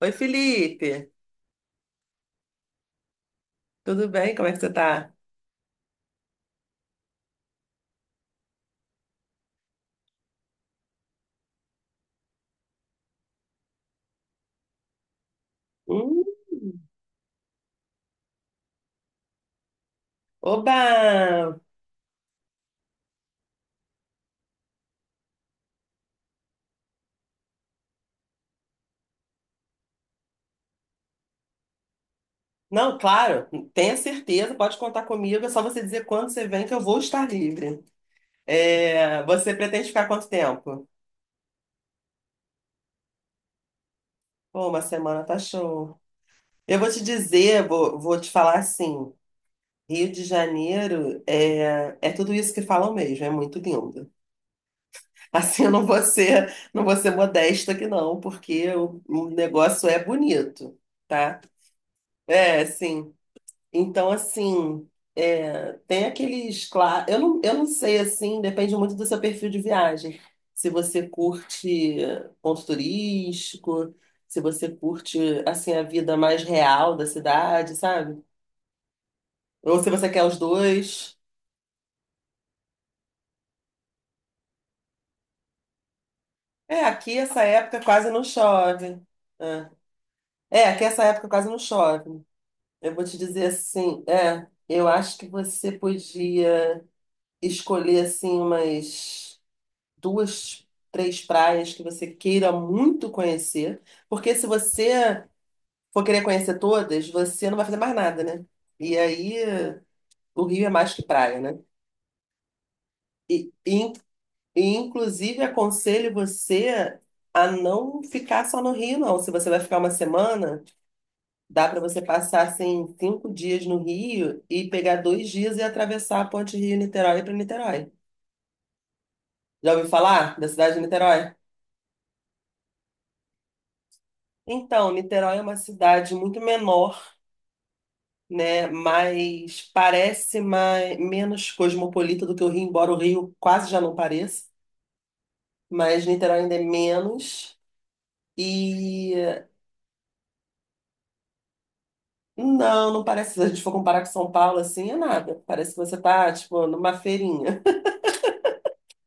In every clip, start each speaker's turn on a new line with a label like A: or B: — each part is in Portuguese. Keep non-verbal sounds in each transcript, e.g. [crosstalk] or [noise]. A: Oi, Felipe. Tudo bem? Como é que você tá? Hum. Oba! Não, claro, tenha certeza, pode contar comigo. É só você dizer quando você vem que eu vou estar livre. É, você pretende ficar quanto tempo? Pô, uma semana tá show. Eu vou te dizer, vou te falar assim: Rio de Janeiro é tudo isso que falam mesmo, é muito lindo. [laughs] Assim, eu não vou ser modesta aqui, não, porque o negócio é bonito, tá? É, sim. Então, assim, é, tem aqueles, claro, eu não sei, assim, depende muito do seu perfil de viagem. Se você curte ponto turístico, se você curte, assim, a vida mais real da cidade, sabe? Ou se você quer os dois. É, aqui essa época quase não chove. É, é aqui essa época quase não chove. Eu vou te dizer assim, é, eu acho que você podia escolher, assim, umas duas, três praias que você queira muito conhecer, porque se você for querer conhecer todas, você não vai fazer mais nada, né? E aí o Rio é mais que praia, né? E, e, e inclusive aconselho você a não ficar só no Rio, não. Se você vai ficar uma semana, dá para você passar assim cinco dias no Rio e pegar dois dias e atravessar a ponte Rio-Niterói para Niterói. Já ouviu falar da cidade de Niterói? Então, Niterói é uma cidade muito menor, né? Mas parece mais, menos cosmopolita do que o Rio, embora o Rio quase já não pareça, mas Niterói ainda é menos. E não, não parece, se a gente for comparar com São Paulo, assim, é nada. Parece que você tá, tipo, numa feirinha,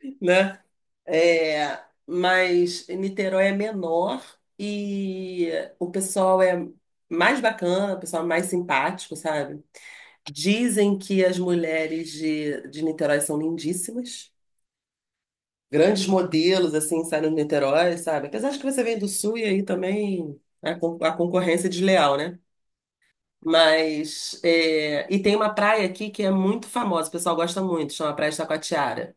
A: [laughs] né? É, mas Niterói é menor e o pessoal é mais bacana, o pessoal é mais simpático, sabe? Dizem que as mulheres de Niterói são lindíssimas. Grandes modelos assim saindo de Niterói, sabe? Apesar de que você vem do Sul e aí também a concorrência é desleal, né? Mas é, e tem uma praia aqui que é muito famosa, o pessoal gosta muito, chama Praia de Taquatiara,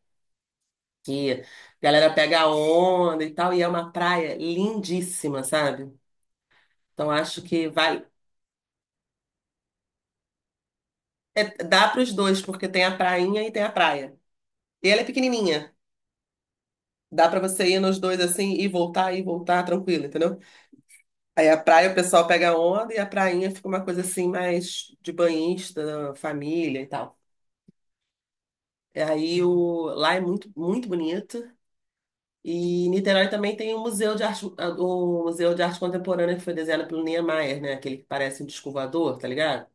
A: que a galera pega a onda e tal, e é uma praia lindíssima, sabe? Então acho que vale, é, dá para os dois, porque tem a prainha e tem a praia. E ela é pequenininha, dá para você ir nos dois assim e voltar tranquilo, entendeu? Aí a praia o pessoal pega onda e a prainha fica uma coisa assim mais de banhista, família e tal. E aí lá é muito, muito bonito. E Niterói também tem o Museu de Arte, ah, o Museu de Arte Contemporânea que foi desenhado pelo Niemeyer, né? Aquele que parece um disco voador, tá ligado?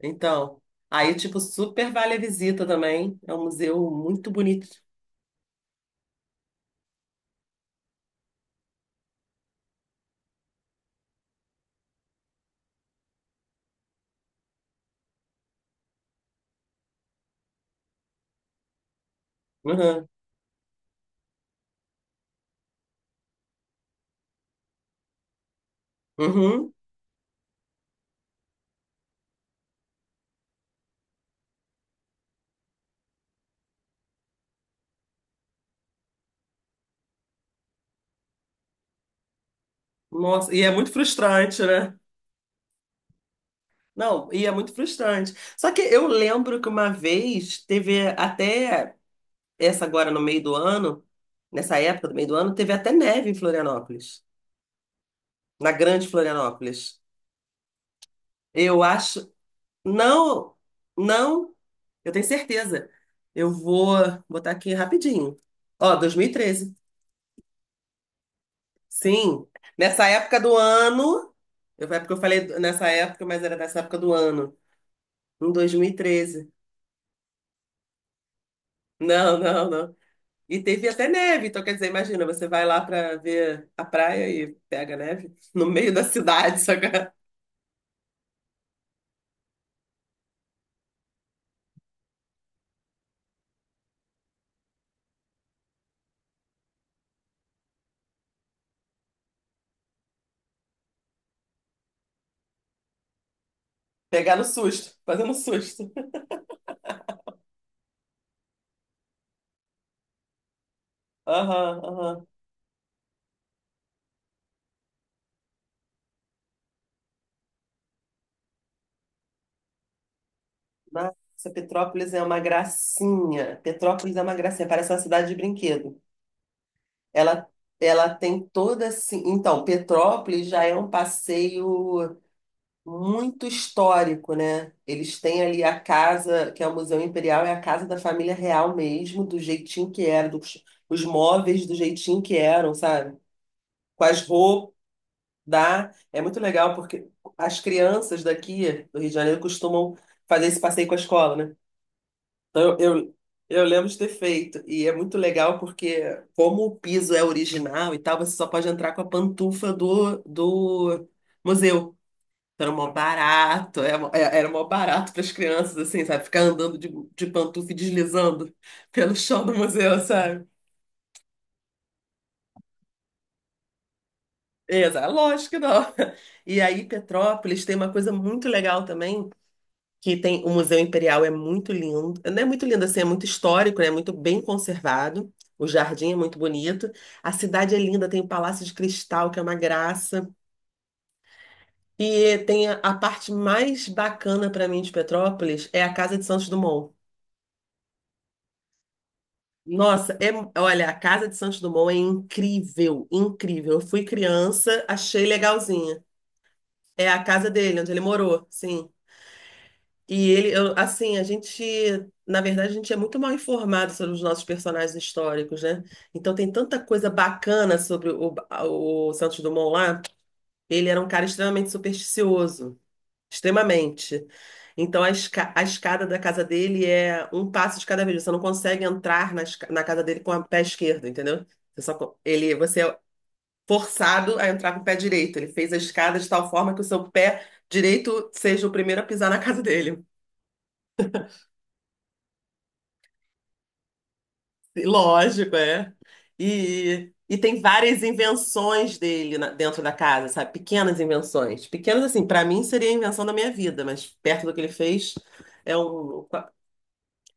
A: Então, aí tipo super vale a visita também. É um museu muito bonito. Uhum. Uhum. Nossa, e é muito frustrante, né? Não, e é muito frustrante. Só que eu lembro que uma vez teve até essa agora no meio do ano, nessa época do meio do ano, teve até neve em Florianópolis, na Grande Florianópolis. Eu acho, não, não, eu tenho certeza. Eu vou botar aqui rapidinho. Ó, 2013. Sim, nessa época do ano, é porque eu falei nessa época, mas era nessa época do ano, em 2013. Não, não, não. E teve até neve, então quer dizer, imagina, você vai lá para ver a praia e pega neve no meio da cidade, [laughs] sabe? Pegar no susto, fazendo susto. [laughs] Aham, aham. Nossa, Petrópolis é uma gracinha. Petrópolis é uma gracinha, parece uma cidade de brinquedo. Ela, ela tem toda assim. Então, Petrópolis já é um passeio muito histórico, né? Eles têm ali a casa, que é o Museu Imperial, é a casa da família real mesmo, do jeitinho que era, os móveis do jeitinho que eram, sabe? Com as roupas. Dá, é muito legal porque as crianças daqui do Rio de Janeiro costumam fazer esse passeio com a escola, né? Então eu lembro de ter feito e é muito legal porque como o piso é original e tal, você só pode entrar com a pantufa do museu. Então, era mó barato, era mó barato para as crianças, assim, sabe? Ficar andando de pantufa e deslizando [laughs] pelo chão do museu, sabe? Exato, lógico que não. [laughs] E aí, Petrópolis tem uma coisa muito legal também, que tem o Museu Imperial é muito lindo. Não é muito lindo assim, é muito histórico, né? É muito bem conservado. O jardim é muito bonito. A cidade é linda, tem o Palácio de Cristal, que é uma graça. E tem a parte mais bacana para mim de Petrópolis é a Casa de Santos Dumont. Nossa, é, olha, a Casa de Santos Dumont é incrível, incrível. Eu fui criança, achei legalzinha. É a casa dele, onde ele morou, sim. E ele, eu- assim, a gente, na verdade, a gente é muito mal informado sobre os nossos personagens históricos, né? Então tem tanta coisa bacana sobre o Santos Dumont lá. Ele era um cara extremamente supersticioso, extremamente. Então a escada da casa dele é um passo de cada vez. Você não consegue entrar na casa dele com o pé esquerdo, entendeu? Você só, co- ele, você é forçado a entrar com o pé direito. Ele fez a escada de tal forma que o seu pé direito seja o primeiro a pisar na [laughs] casa dele. [laughs] Lógico, é. E tem várias invenções dele dentro da casa, sabe? Pequenas invenções. Pequenas, assim, pra mim seria a invenção da minha vida, mas perto do que ele fez é um.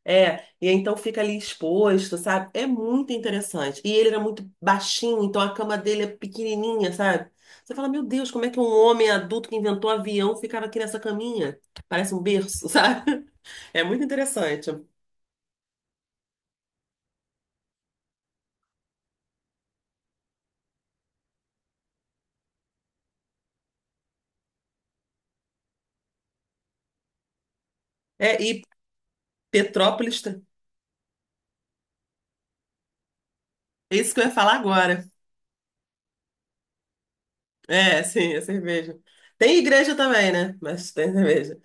A: É, e aí então fica ali exposto, sabe? É muito interessante. E ele era muito baixinho, então a cama dele é pequenininha, sabe? Você fala, meu Deus, como é que um homem adulto que inventou avião ficava aqui nessa caminha? Parece um berço, sabe? [laughs] É muito interessante. E Petrópolis, tá, é isso que eu ia falar agora. É, sim, é cerveja. Tem igreja também, né? Mas tem cerveja.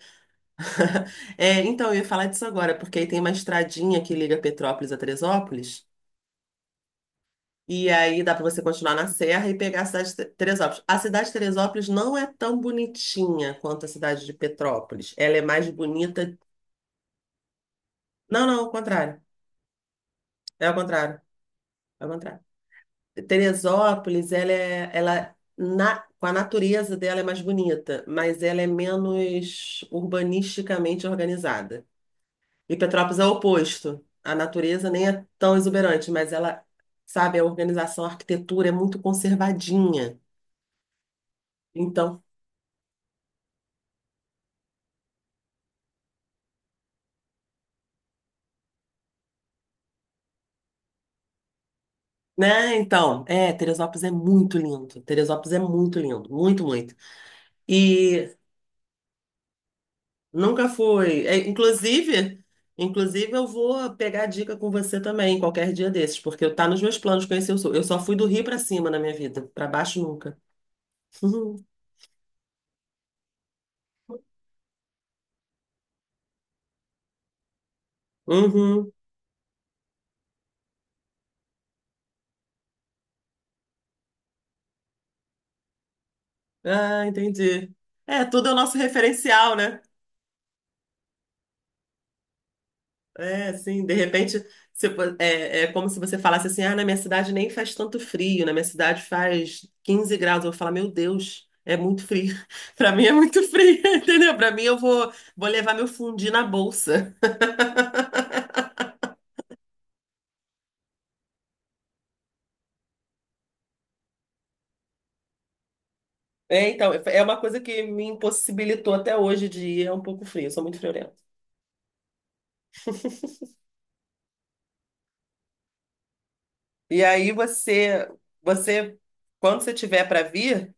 A: [laughs] É, então, eu ia falar disso agora, porque aí tem uma estradinha que liga Petrópolis a Teresópolis, e aí dá pra você continuar na serra e pegar a cidade de Te- Teresópolis. A cidade de Teresópolis não é tão bonitinha quanto a cidade de Petrópolis. Ela é mais bonita. Não, não, ao contrário. É ao contrário. É ao contrário. Teresópolis, ela é, ela na, com a natureza dela é mais bonita, mas ela é menos urbanisticamente organizada. E Petrópolis é o oposto. A natureza nem é tão exuberante, mas ela, sabe, a organização, a arquitetura é muito conservadinha. Então, né? Então, é, Teresópolis é muito lindo. Teresópolis é muito lindo, muito, muito. E nunca fui. É, inclusive, eu vou pegar a dica com você também, qualquer dia desses, porque eu tá nos meus planos conhecer o Sul. Eu só fui do Rio para cima na minha vida, para baixo nunca. [laughs] Uhum. Ah, entendi. É, tudo é o nosso referencial, né? É, assim, de repente, se fo- é, é como se você falasse assim, ah, na minha cidade nem faz tanto frio, na minha cidade faz 15 graus. Eu vou falar, meu Deus, é muito frio. [laughs] Pra mim é muito frio, [laughs] entendeu? Pra mim eu vou levar meu fundi na bolsa. É, então, é uma coisa que me impossibilitou até hoje de ir, é um pouco frio, eu sou muito friorenta. E aí você, quando você tiver para vir,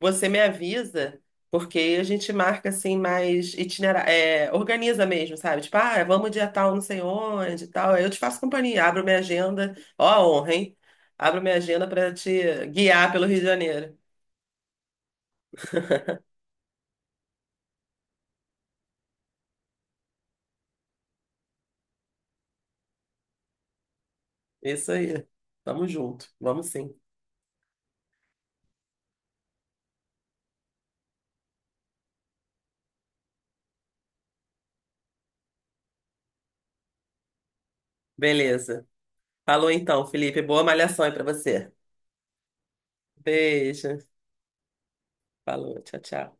A: você me avisa, porque a gente marca assim mais itinerário, é, organiza mesmo, sabe? Tipo, ah, vamos dia tal, não sei onde, e tal. Aí eu te faço companhia, abro minha agenda. Ó, a honra, hein? Abro minha agenda para te guiar pelo Rio de Janeiro. Isso aí. Tamo junto. Vamos sim. Beleza. Falou então, Felipe. Boa malhação aí para você. Beijo. Falou. Tchau, tchau.